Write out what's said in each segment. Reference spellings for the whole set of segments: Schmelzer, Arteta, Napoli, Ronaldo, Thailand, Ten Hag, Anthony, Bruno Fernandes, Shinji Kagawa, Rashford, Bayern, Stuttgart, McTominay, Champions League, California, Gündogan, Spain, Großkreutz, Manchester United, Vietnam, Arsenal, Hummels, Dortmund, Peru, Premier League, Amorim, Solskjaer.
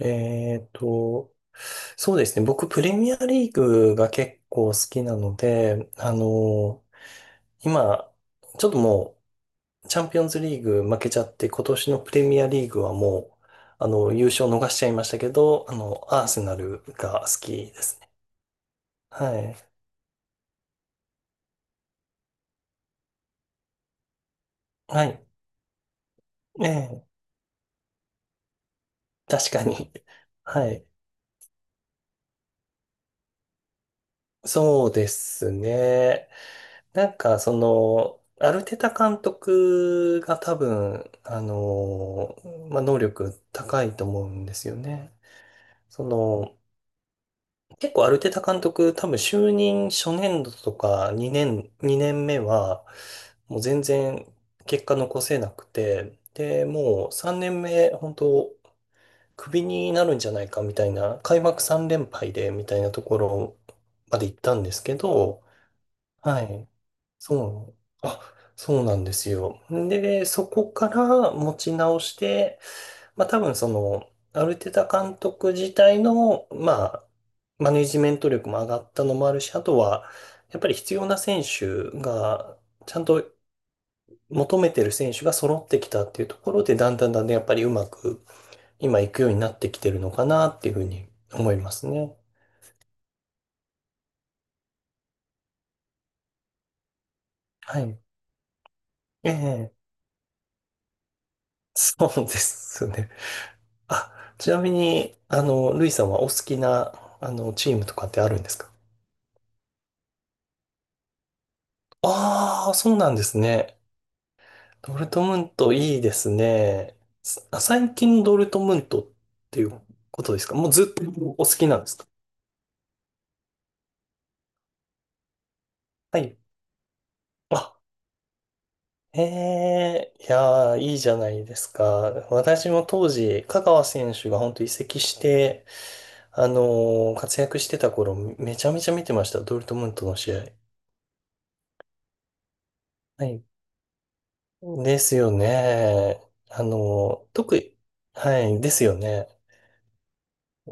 えーと、そうですね。僕、プレミアリーグが結構好きなので、今、ちょっともう、チャンピオンズリーグ負けちゃって、今年のプレミアリーグはもう、優勝逃しちゃいましたけど、アーセナルが好きですね。はい。はい。ええ、確かに。はい。そうですね。アルテタ監督が多分、まあ、能力高いと思うんですよね。その、結構アルテタ監督、多分就任初年度とか2年目は、もう全然結果残せなくて、で、もう3年目、本当クビになるんじゃないかみたいな、開幕3連敗でみたいなところまで行ったんですけど、はい。そうなの。あ、そうなんですよ。で、そこから持ち直して、まあ多分その、アルテタ監督自体の、まあ、マネジメント力も上がったのもあるし、あとは、やっぱり必要な選手が、ちゃんと求めてる選手が揃ってきたっていうところで、だんだんだんだんやっぱりうまく今いくようになってきてるのかなっていうふうに思いますね。はい。ええ、そうですね。あ、ちなみに、ルイさんはお好きな、チームとかってあるんですか？ああー、そうなんですね。ドルトムントいいですね。最近のドルトムントっていうことですか？もうずっとお好きなんですか？はい。あ、ええ、いやー、いいじゃないですか。私も当時、香川選手が本当移籍して、活躍してた頃、めちゃめちゃ見てました。ドルトムントの試合。はい、ですよね。あの、特に、はい、ですよね。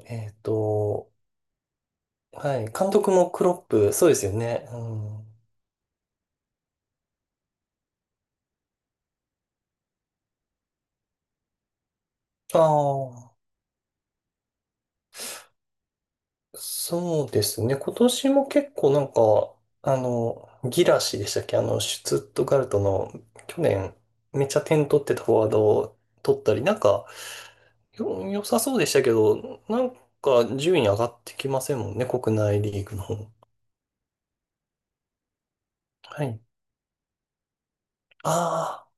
えっと、はい、監督もクロップ、そうですよね。うん、ああ、そうですね。今年も結構なんか、あの、ギラシでしたっけ？あの、シュツットガルトの、去年、めっちゃ点取ってたフォワードを取ったり、なんか、良さそうでしたけど、なんか、順位上がってきませんもんね、国内リーグの方。はい。ああ。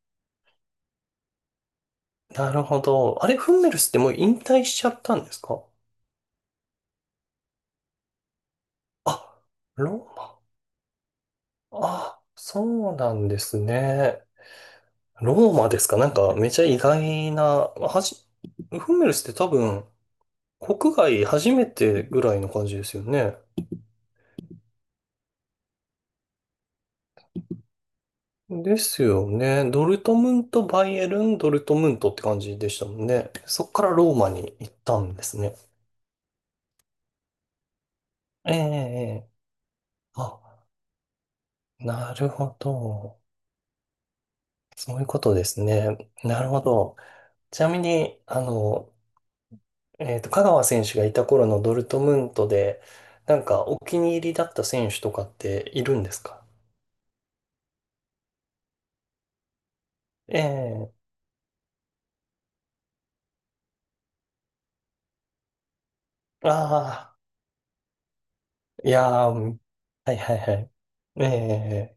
なるほど。あれ、フンメルスってもう引退しちゃったんですか？あ、ローマ。あ、そうなんですね。ローマですか？なんかめちゃ意外な、はじ、フンメルスって多分、国外初めてぐらいの感じですよね。ですよね。ドルトムント、バイエルン、ドルトムントって感じでしたもんね。そっからローマに行ったんですね。ええ、ええ、あ、なるほど。そういうことですね。なるほど。ちなみに、香川選手がいた頃のドルトムントで、なんかお気に入りだった選手とかっているんですか？ええ、ああー、いやー、うん、はいはいはい。ええ、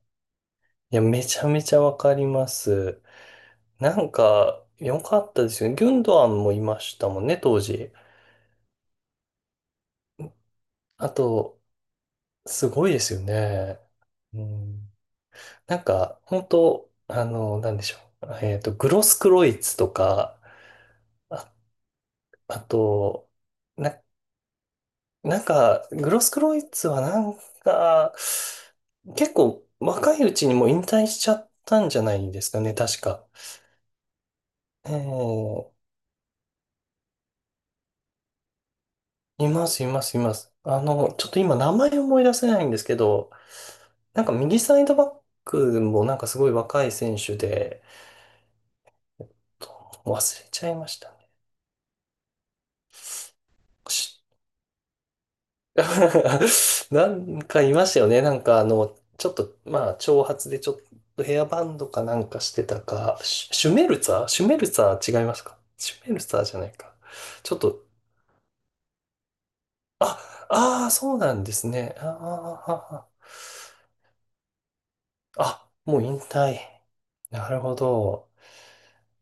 いや、めちゃめちゃわかります。なんか、良かったですよね。ギュンドアンもいましたもんね、当時。あと、すごいですよね。うん、なんか、本当あの、なんでしょう。えっと、グロスクロイツとか、あ、あと、な、なんか、グロスクロイツはなんか、結構若いうちにもう引退しちゃったんじゃないですかね、確か。ええ、います、います、います。あの、ちょっと今名前思い出せないんですけど、なんか右サイドバックもなんかすごい若い選手で、忘れちゃいましたね。なんかいましたよね。なんかあの、ちょっと、まあ、長髪でちょっとヘアバンドかなんかしてたか、シュメルツァー、シュメルツァー違いますか？シュメルツァーじゃないか。ちょっと、あ、ああ、そうなんですね。ああもう引退。なるほど。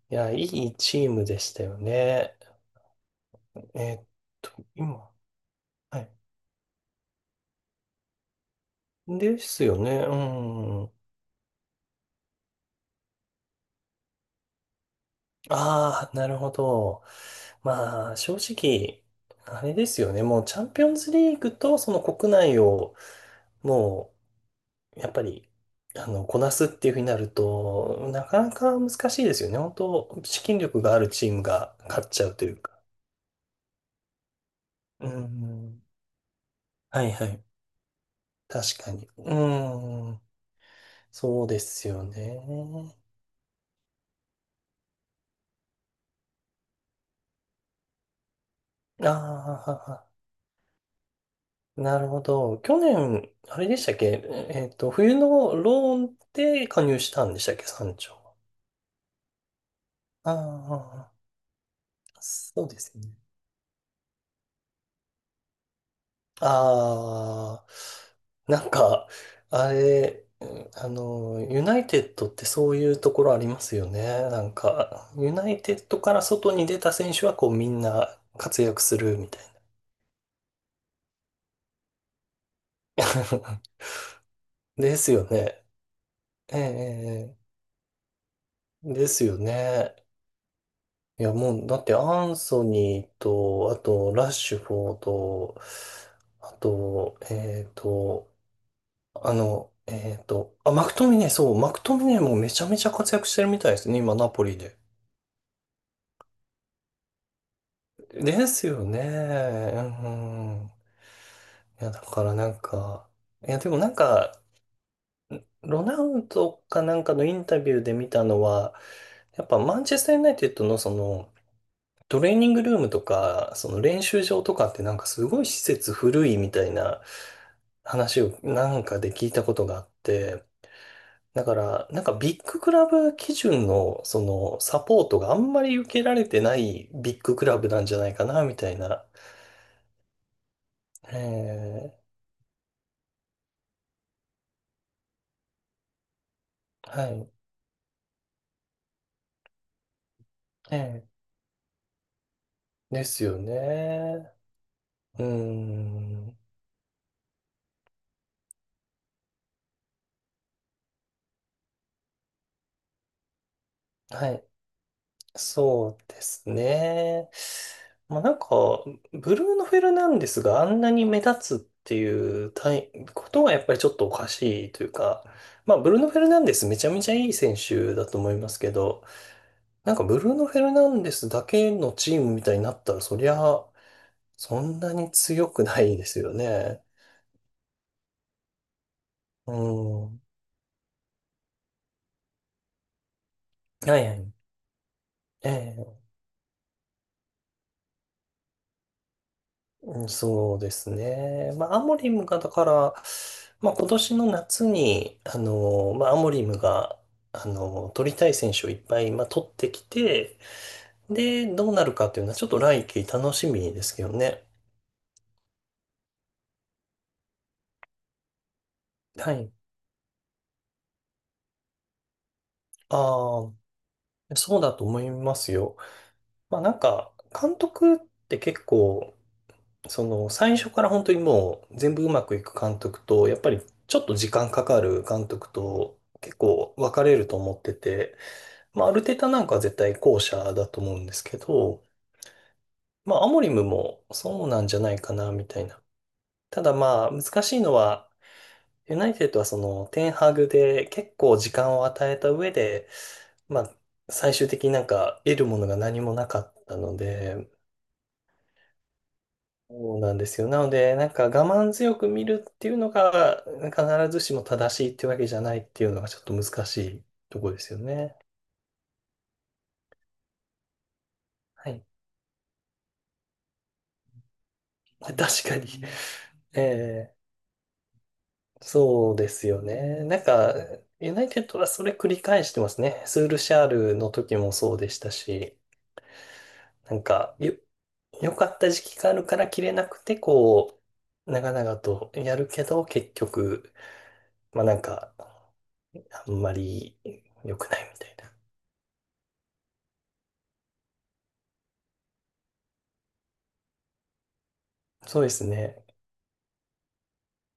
いや、いいチームでしたよね。えーっ今、はい。ですよね。うん。ああ、なるほど。まあ、正直、あれですよね。もうチャンピオンズリーグとその国内を、もう、やっぱり、あの、こなすっていうふうになると、なかなか難しいですよね。本当、資金力があるチームが勝っちゃうというか。うん。はいはい。確かに。うん。そうですよね。ああ、はは、なるほど。去年、あれでしたっけ？えっと、冬のローンで加入したんでしたっけ山頂は。ああ、そうですね。ああ、なんか、あれ、うん、あの、ユナイテッドってそういうところありますよね。なんか、ユナイテッドから外に出た選手はこうみんな活躍するみたいな。ですよね。ええ、ええ、ですよね。いや、もう、だってアンソニーと、あと、ラッシュフォード、あと、マクトミネ、そう、マクトミネもめちゃめちゃ活躍してるみたいですね、今、ナポリで。ですよね。うんうん。いや、だからなんか、いや、でもなんか、ロナウドかなんかのインタビューで見たのは、やっぱマンチェスターユナイテッドのその、トレーニングルームとか、その練習場とかってなんかすごい施設古いみたいな話をなんかで聞いたことがあって、だからなんかビッグクラブ基準のそのサポートがあんまり受けられてないビッグクラブなんじゃないかなみたいな。ええ、はい。ええ、ですよね。うーん。はい。そうですね。まあ、なんか、ブルーノ・フェルナンデスがあんなに目立つっていうたいことはやっぱりちょっとおかしいというか、まあ、ブルーノ・フェルナンデスめちゃめちゃいい選手だと思いますけど、なんかブルーノ・フェルナンデスだけのチームみたいになったら、そりゃ、そんなに強くないですよね。うん。はいはい。ええ、うん、そうですね。まあ、アモリムが、だから、まあ、今年の夏に、まあ、アモリムが、取りたい選手をいっぱい、まあ、取ってきて、で、どうなるかっていうのは、ちょっと来季楽しみですけどね。はい。ああ、そうだと思いますよ。まあ、なんか、監督って結構、その、最初から本当にもう、全部うまくいく監督と、やっぱり、ちょっと時間かかる監督と、結構分かれると思ってて、まあ、アルテタなんかは絶対後者だと思うんですけど、まあ、アモリムもそうなんじゃないかな、みたいな。ただまあ、難しいのは、ユナイテッドはその、テンハグで結構時間を与えた上で、まあ、最終的になんか得るものが何もなかったので、そうなんですよ。なので、なんか我慢強く見るっていうのが、必ずしも正しいっていうわけじゃないっていうのがちょっと難しいところですよね。はい。確かに。ええ、そうですよね。なんか、ユナイテッドはそれ繰り返してますね。スールシャールの時もそうでしたし、なんか、良かった時期があるから切れなくて、こう、長々とやるけど、結局、まあなんか、あんまり良くないみたいな。そうですね。